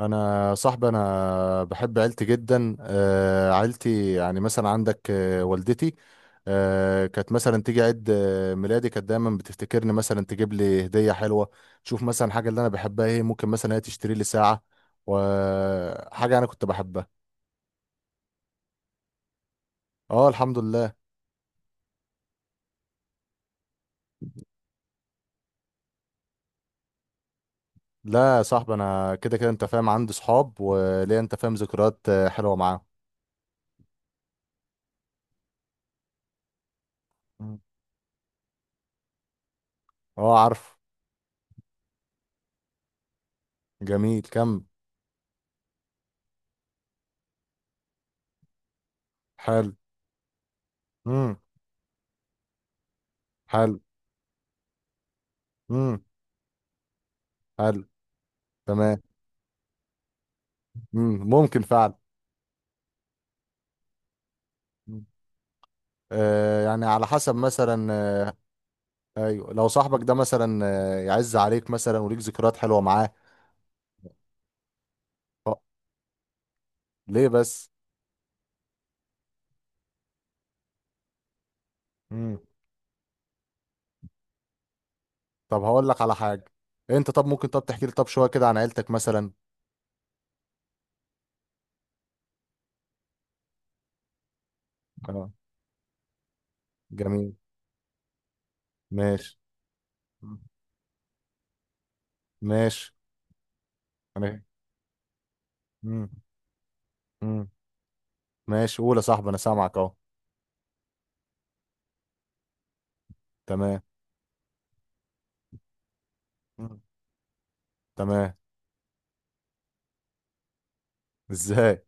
انا صاحبي، انا بحب عيلتي جدا. عيلتي يعني مثلا عندك، والدتي كانت مثلا تيجي عيد ميلادي، كانت دايما بتفتكرني، مثلا تجيب لي هديه حلوه، تشوف مثلا حاجه اللي انا بحبها ايه. ممكن مثلا هي تشتري لي ساعه وحاجه انا كنت بحبها. اه الحمد لله. لا يا صاحبي، انا كده كده انت فاهم عندي صحاب وليا انت فاهم ذكريات حلوه معاهم. مم. اه عارف. جميل كم. حلو. امم. حلو. امم. حلو. تمام. مم، ممكن فعلا. مم. آه يعني على حسب مثلا آه. ايوه، لو صاحبك ده مثلا آه يعز عليك مثلا وليك ذكريات حلوه معاه. أه، ليه بس. امم. طب هقول لك على حاجه، انت طب ممكن طب تحكي لي طب شويه كده عن عيلتك مثلا. اه. جميل. ماشي. مم. ماشي. انا. مم. امم ماشي. قول يا صاحبي انا سامعك اهو. تمام. مم. تمام. ازاي.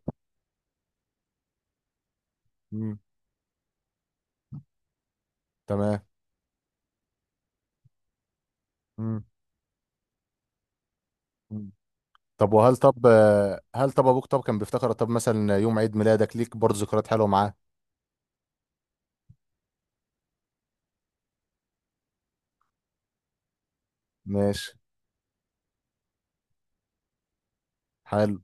مم. تمام. امم. طب وهل طب هل طب ابوك طب كان بيفتكر طب مثلا يوم عيد ميلادك، ليك برضه ذكريات حلوه معاه؟ ماشي. حلو.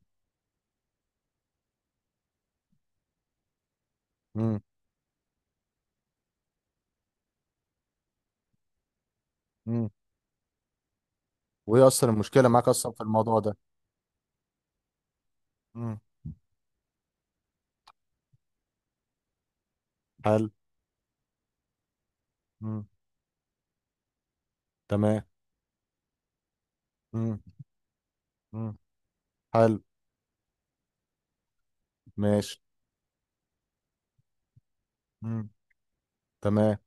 امم. امم. وايه اصلا المشكله معاك اصلا في الموضوع ده؟ امم. حلو. امم. تمام. امم. امم. حلو. ماشي. امم. تمام.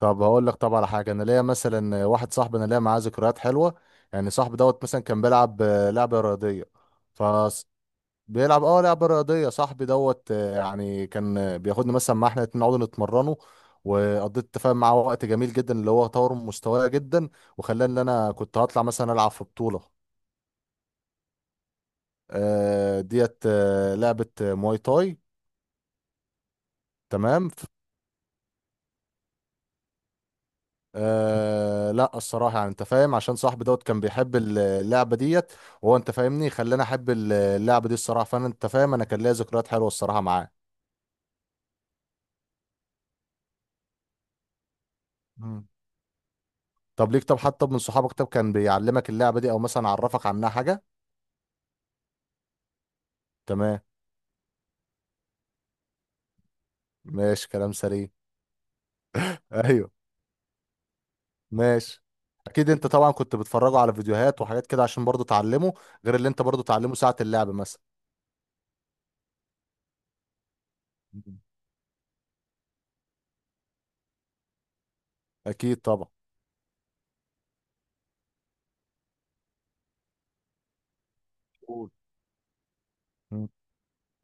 طب هقول لك طب على حاجه، انا ليا مثلا واحد صاحبي، انا ليا معاه ذكريات حلوه. يعني صاحبي دوت مثلا كان بيلعب لعبه رياضيه. ف بيلعب اه لعبة رياضية صاحبي دوت، يعني كان بياخدني مثلا، مع احنا الاتنين نقعد نتمرنه، وقضيت تفاهم معاه وقت جميل جدا اللي هو طور من مستواي جدا، وخلاني ان انا كنت هطلع مثلا العب في بطولة. ديت لعبة مواي تاي. تمام. آه لا، الصراحة يعني انت فاهم، عشان صاحبي دوت كان بيحب اللعبة ديت، وهو انت فاهمني خلاني احب اللعبة دي الصراحة. فانا انت فاهم انا كان ليا ذكريات حلوة الصراحة معاه. مم. طب ليك طب حتى من صحابك طب كان بيعلمك اللعبة دي او مثلا عرفك عنها حاجة؟ تمام. ماشي، كلام سليم. ايوه. ماشي. اكيد انت طبعا كنت بتفرجوا على فيديوهات وحاجات كده عشان برضو تعلمه، غير اللي انت برضو تعلمه ساعة اللعب مثلا. مم. اكيد طبعا. قول. مم.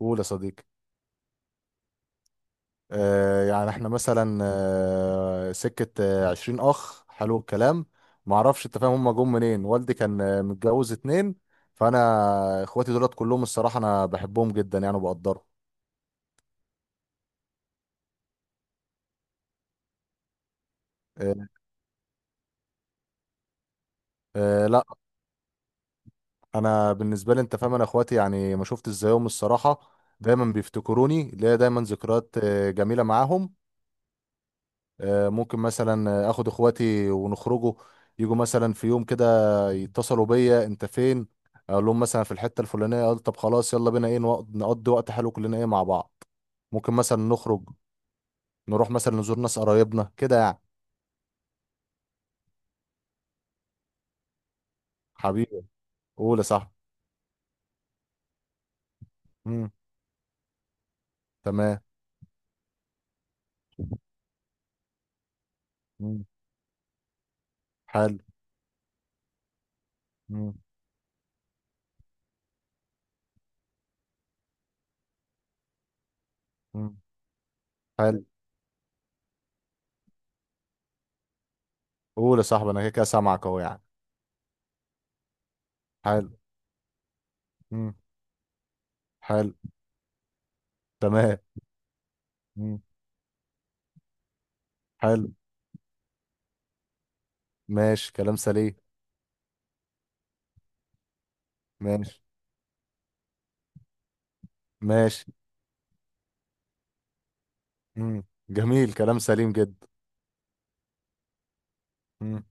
قول يا صديقي. آه يعني احنا مثلا آه سكة آه 20 اخ. حلو الكلام. معرفش، انت فاهم هم جم منين؟ والدي كان متجوز اتنين، فانا اخواتي دولت كلهم، الصراحة انا بحبهم جدا يعني وبقدرهم. آه، أه لا، انا بالنسبه لي انت فاهم انا اخواتي يعني ما شفتش زيهم الصراحه، دايما بيفتكروني، ليا دايما ذكريات جميله معاهم. أه ممكن مثلا اخد اخواتي ونخرجوا، يجوا مثلا في يوم كده يتصلوا بيا انت فين، اقول لهم مثلا في الحته الفلانيه، اقول طب خلاص يلا بينا ايه نقضي وقت حلو كلنا ايه مع بعض. ممكن مثلا نخرج، نروح مثلا نزور ناس قرايبنا كده يعني. حبيبي. قول يا صاحبي. مم، تمام. مم، حلو. مم، مم، حلو. قول يا صاحبي، انا كده كده سامعك اهو يعني. حلو. مم. حلو. تمام. مم. حلو. ماشي، كلام سليم. ماشي. ماشي. مم. جميل، كلام سليم جدا. مم.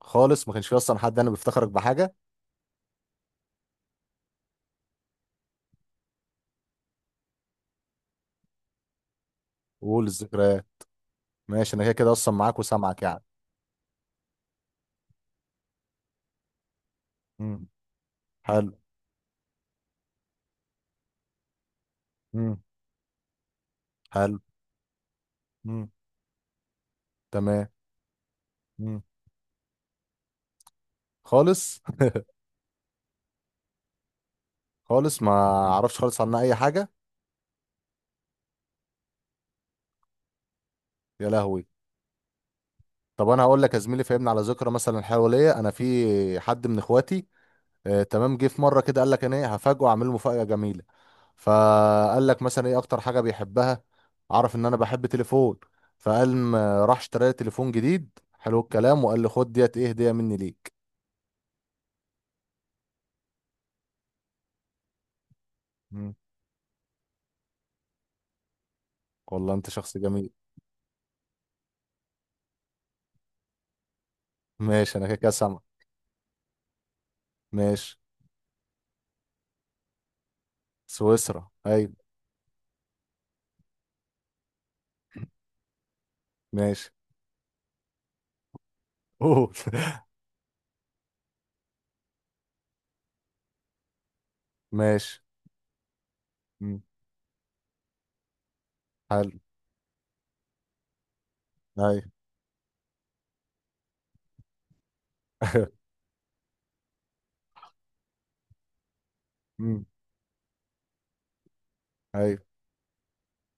خالص، ما كانش في اصلا حد انا بيفتخرك بحاجه. وقول الذكريات. ماشي، انا كده كده اصلا معاك وسامعك يعني. مم. حلو. مم. حلو. مم. تمام. مم. خالص. خالص ما اعرفش خالص عنها اي حاجه. يا لهوي. طب انا هقول لك يا زميلي، فهمنا على ذكرى مثلا حواليا، انا في حد من اخواتي تمام جه في مره كده قال لك انا ايه هفاجئه اعمل له مفاجاه جميله، فقال لك مثلا ايه اكتر حاجه بيحبها، عرف ان انا بحب تليفون، فقال ما راح اشترى لي تليفون جديد. حلو الكلام. وقال لي خد ديت ايه هديه مني ليك. مم. والله انت شخص جميل. ماشي انا كده كده سامع. ماشي. سويسرا ايوه. ماشي. قول. ماشي. مم. حلو. ايوه. مم. ايوه.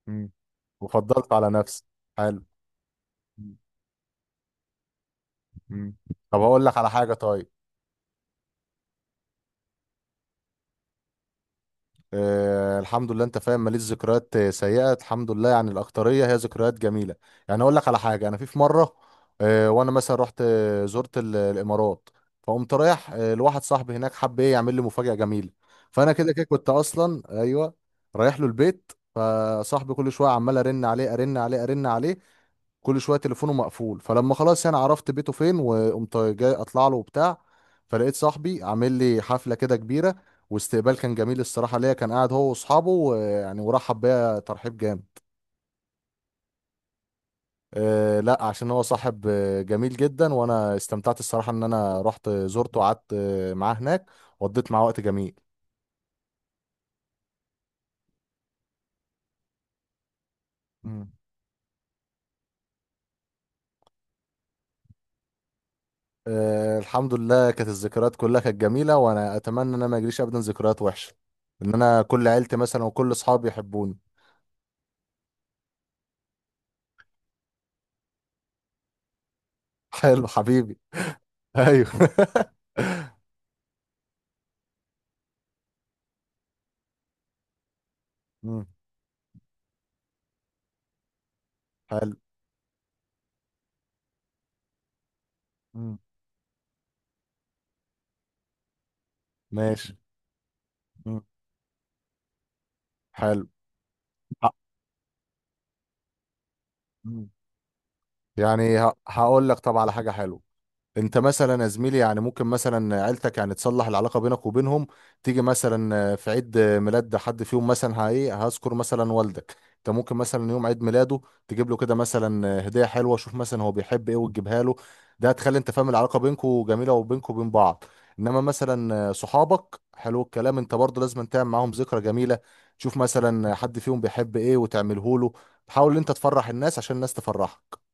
مم. وفضلت على نفسي. حلو. مم. طب هقول لك على حاجه طيب. آه الحمد لله انت فاهم، ماليش ذكريات سيئه الحمد لله، يعني الاكتريه هي ذكريات جميله. يعني اقول لك على حاجه، انا في مره، آه وانا مثلا رحت زرت الامارات، فقمت رايح آه لواحد صاحبي هناك، حب ايه يعمل لي مفاجاه جميله. فانا كده كده كنت اصلا ايوه رايح له البيت. فصاحبي كل شويه عمال ارن عليه ارن عليه ارن عليه، كل شويه تليفونه مقفول. فلما خلاص انا عرفت بيته فين وقمت جاي اطلع له وبتاع، فلقيت صاحبي عامل لي حفله كده كبيره، واستقبال كان جميل الصراحة ليا، كان قاعد هو واصحابه، ويعني ورحب بيا ترحيب جامد. أه لا، عشان هو صاحب جميل جدا، وانا استمتعت الصراحة ان انا رحت زرته وقعدت معاه هناك، وقضيت معاه وقت جميل. مم. أه الحمد لله، كانت الذكريات كلها كانت جميلة، وانا اتمنى ان انا ما يجريش ابدا ذكريات وحشة، ان انا كل عيلتي مثلا وكل اصحابي يحبوني. حلو حبيبي. ايوه. مم. حلو. مم. ماشي. مم. حلو. يعني هقول لك طبعا على حاجه حلوه. انت مثلا يا زميلي، يعني ممكن مثلا عيلتك يعني تصلح العلاقه بينك وبينهم، تيجي مثلا في عيد ميلاد حد فيهم مثلا هايه هذكر مثلا والدك، انت ممكن مثلا يوم عيد ميلاده تجيب له كده مثلا هديه حلوه، شوف مثلا هو بيحب ايه وتجيبها له. ده هتخلي انت فاهم العلاقه بينكم جميله، وبينكم وبين بعض. انما مثلا صحابك، حلو الكلام، انت برضه لازم تعمل معاهم ذكرى جميله، تشوف مثلا حد فيهم بيحب ايه وتعمله له. تحاول انت تفرح الناس عشان الناس تفرحك.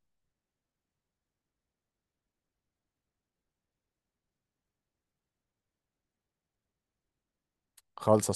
خالص.